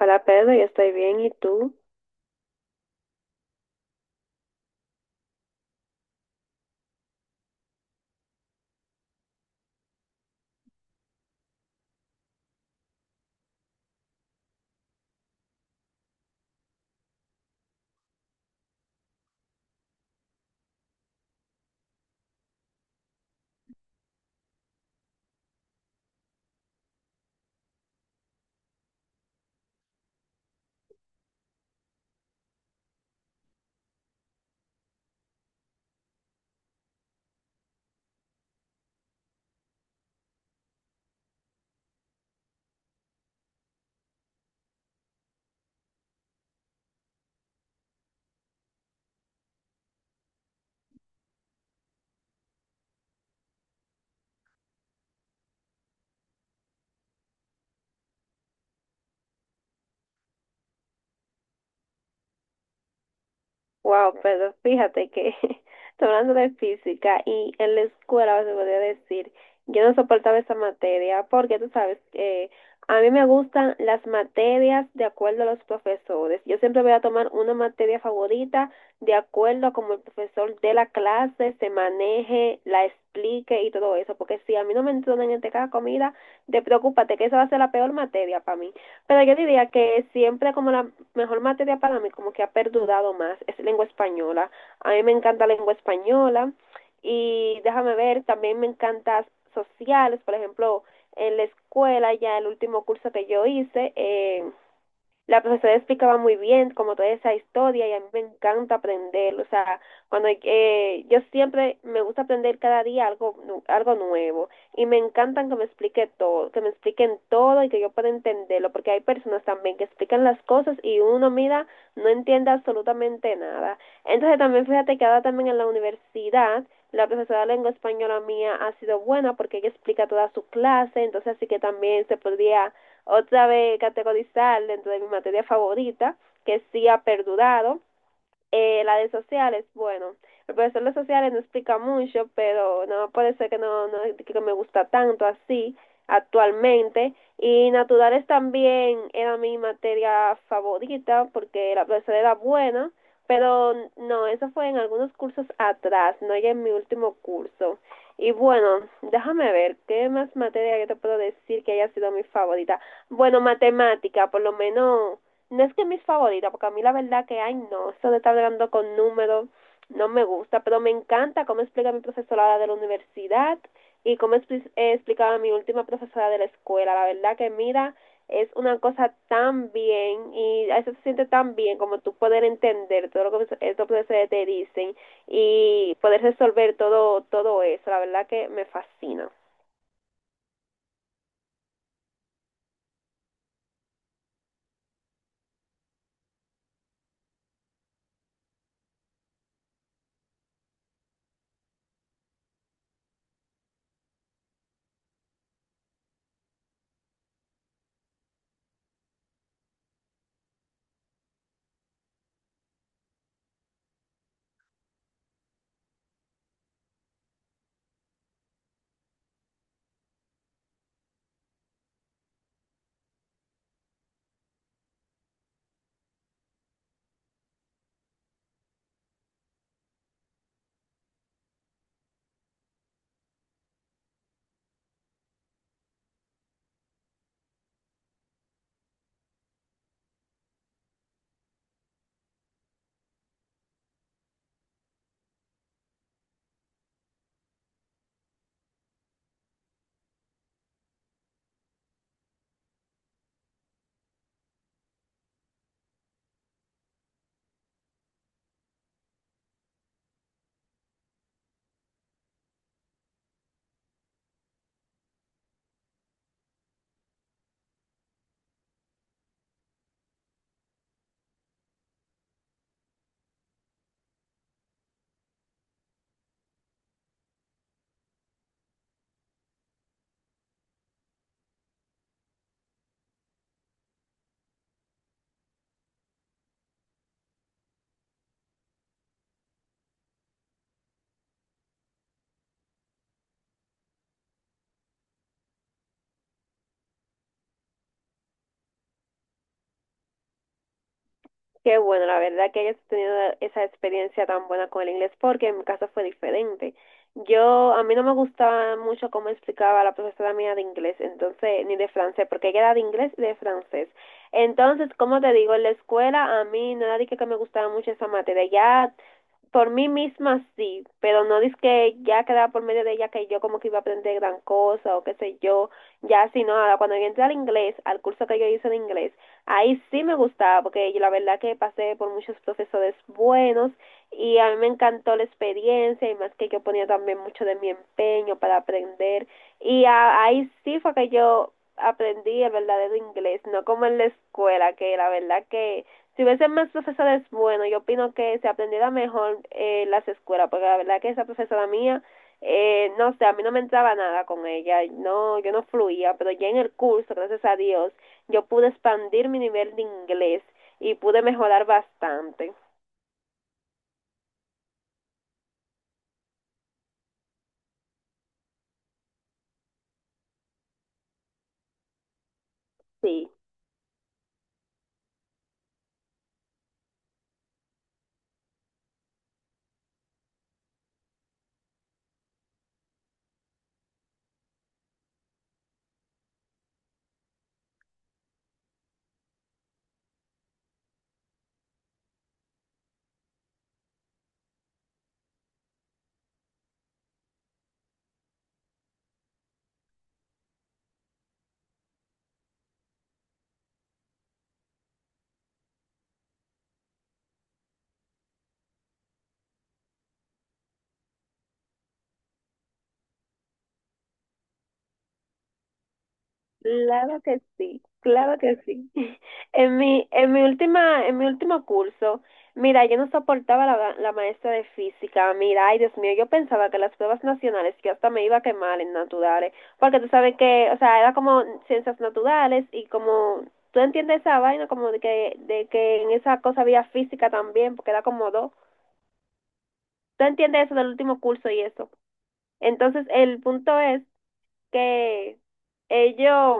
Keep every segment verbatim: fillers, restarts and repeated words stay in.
Hola Pedro, yo estoy bien, ¿y tú? Wow, Pedro, fíjate que estoy hablando de física y en la escuela se podría decir, yo no soportaba esa materia porque tú sabes, eh, a mí me gustan las materias de acuerdo a los profesores. Yo siempre voy a tomar una materia favorita de acuerdo a cómo el profesor de la clase se maneje, la explique y todo eso, porque si a mí no me entrenan en esta comida, te preocúpate que esa va a ser la peor materia para mí. Pero yo diría que siempre como la mejor materia para mí, como que ha perdurado más, es lengua española. A mí me encanta lengua española y déjame ver, también me encanta sociales, por ejemplo, en la escuela ya el último curso que yo hice, eh, la profesora explicaba muy bien como toda esa historia y a mí me encanta aprender, o sea, cuando eh, yo siempre me gusta aprender cada día algo nu- algo nuevo y me encantan que me explique todo, que me expliquen todo y que yo pueda entenderlo, porque hay personas también que explican las cosas y uno mira, no entiende absolutamente nada. Entonces también fíjate que ahora también en la universidad la profesora de lengua española mía ha sido buena porque ella explica toda su clase, entonces así que también se podría otra vez categorizar dentro de mi materia favorita, que sí ha perdurado, eh, la de sociales, bueno, el profesor de sociales no explica mucho, pero no puede ser que no, no que me gusta tanto así actualmente. Y naturales también era mi materia favorita porque la profesora era buena, pero no, eso fue en algunos cursos atrás, no ya en mi último curso. Y bueno, déjame ver, ¿qué más materia yo te puedo decir que haya sido mi favorita? Bueno, matemática, por lo menos no es que mis favoritas, porque a mí la verdad que, ay, no, eso de estar hablando con números no me gusta, pero me encanta cómo explica mi profesora de la universidad y cómo expli- eh, explicaba mi última profesora de la escuela. La verdad que, mira, es una cosa tan bien y a eso se siente tan bien como tú poder entender todo lo que estos profesores te dicen y poder resolver todo, todo eso. La verdad que me fascina. Qué bueno, la verdad que hayas tenido esa experiencia tan buena con el inglés, porque en mi caso fue diferente. Yo, a mí no me gustaba mucho cómo explicaba la profesora mía de inglés, entonces, ni de francés, porque ella era de inglés y de francés. Entonces, como te digo, en la escuela a mí no era de que que me gustaba mucho esa materia. Ya por mí misma sí, pero no dice que ya quedaba por medio de ella que yo como que iba a aprender gran cosa o qué sé yo, ya sino ahora cuando yo entré al inglés, al curso que yo hice de inglés, ahí sí me gustaba porque yo la verdad que pasé por muchos profesores buenos y a mí me encantó la experiencia y más que yo ponía también mucho de mi empeño para aprender y a- ahí sí fue que yo aprendí el verdadero inglés, no como en la escuela que la verdad que si hubiesen más profesores bueno yo opino que se aprendiera mejor eh, las escuelas, porque la verdad que esa profesora mía, eh, no sé, a mí no me entraba nada con ella, no, yo no fluía, pero ya en el curso, gracias a Dios, yo pude expandir mi nivel de inglés y pude mejorar bastante. Sí. Claro que sí, claro que sí. En mi, en mi última, en mi último curso, mira, yo no soportaba la, la maestra de física. Mira, ay Dios mío, yo pensaba que las pruebas nacionales, yo hasta me iba a quemar en naturales, porque tú sabes que, o sea, era como ciencias naturales y como, tú entiendes esa vaina, como de que, de que en esa cosa había física también, porque era como dos. Tú entiendes eso del último curso y eso. Entonces, el punto es que ellos,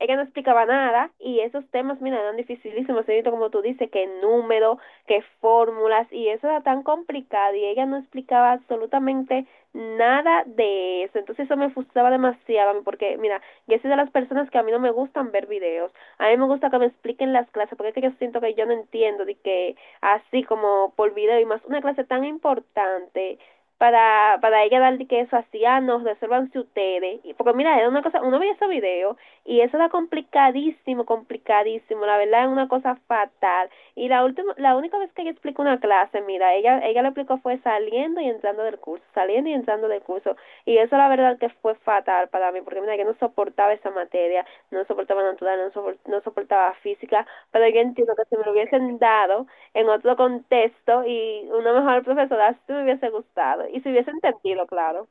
ella no explicaba nada y esos temas, mira, eran dificilísimos, señorito, como tú dices, que número, que fórmulas y eso era tan complicado y ella no explicaba absolutamente nada de eso. Entonces eso me frustraba demasiado a mí, porque, mira, yo soy de las personas que a mí no me gustan ver videos, a mí me gusta que me expliquen las clases porque es que yo siento que yo no entiendo de que así como por video y más una clase tan importante para, para ella darle que eso hacía, nos resuélvanse ustedes. Y, porque mira, era una cosa, uno veía esos videos y eso era complicadísimo, complicadísimo, la verdad es una cosa fatal. Y la última, la única vez que ella explicó una clase, mira, ella, ella lo explicó fue saliendo y entrando del curso, saliendo y entrando del curso. Y eso la verdad que fue fatal para mí, porque mira, yo no soportaba esa materia, no soportaba natural, no, sopor, no soportaba física, pero yo entiendo que si me lo hubiesen dado, en otro contexto y una mejor profesora si me hubiese gustado y si hubiese entendido, claro.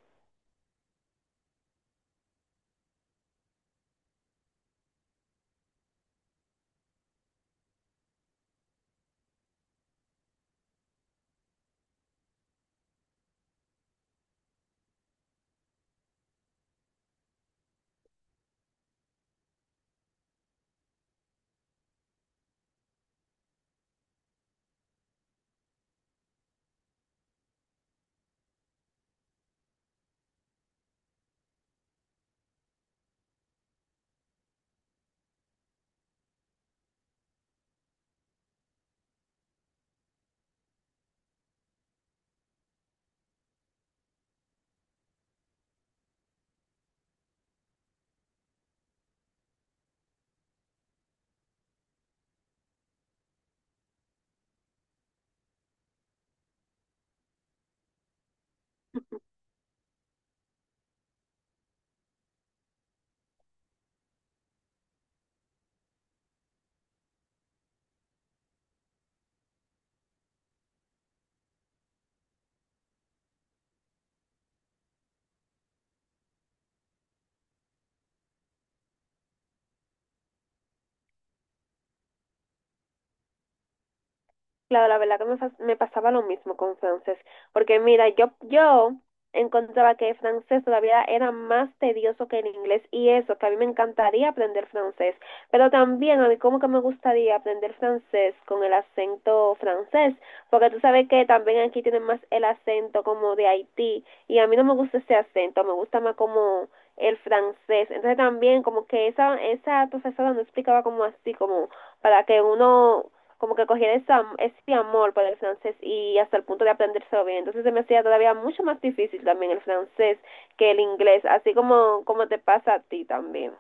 Claro, la verdad que me, pas- me pasaba lo mismo con francés, porque mira, yo, yo encontraba que el francés todavía era más tedioso que el inglés y eso, que a mí me encantaría aprender francés, pero también a mí como que me gustaría aprender francés con el acento francés, porque tú sabes que también aquí tienen más el acento como de Haití y a mí no me gusta ese acento, me gusta más como el francés, entonces también como que esa, esa profesora no explicaba como así, como para que uno como que cogían esa, ese amor por el francés y hasta el punto de aprendérselo bien. Entonces se me hacía todavía mucho más difícil también el francés que el inglés, así como, como te pasa a ti también.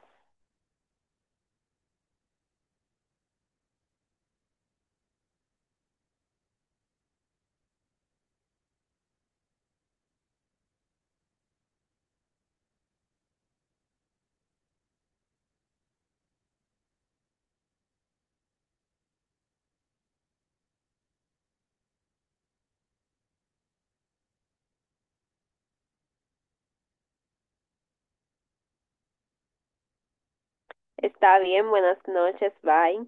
Está bien, buenas noches, bye.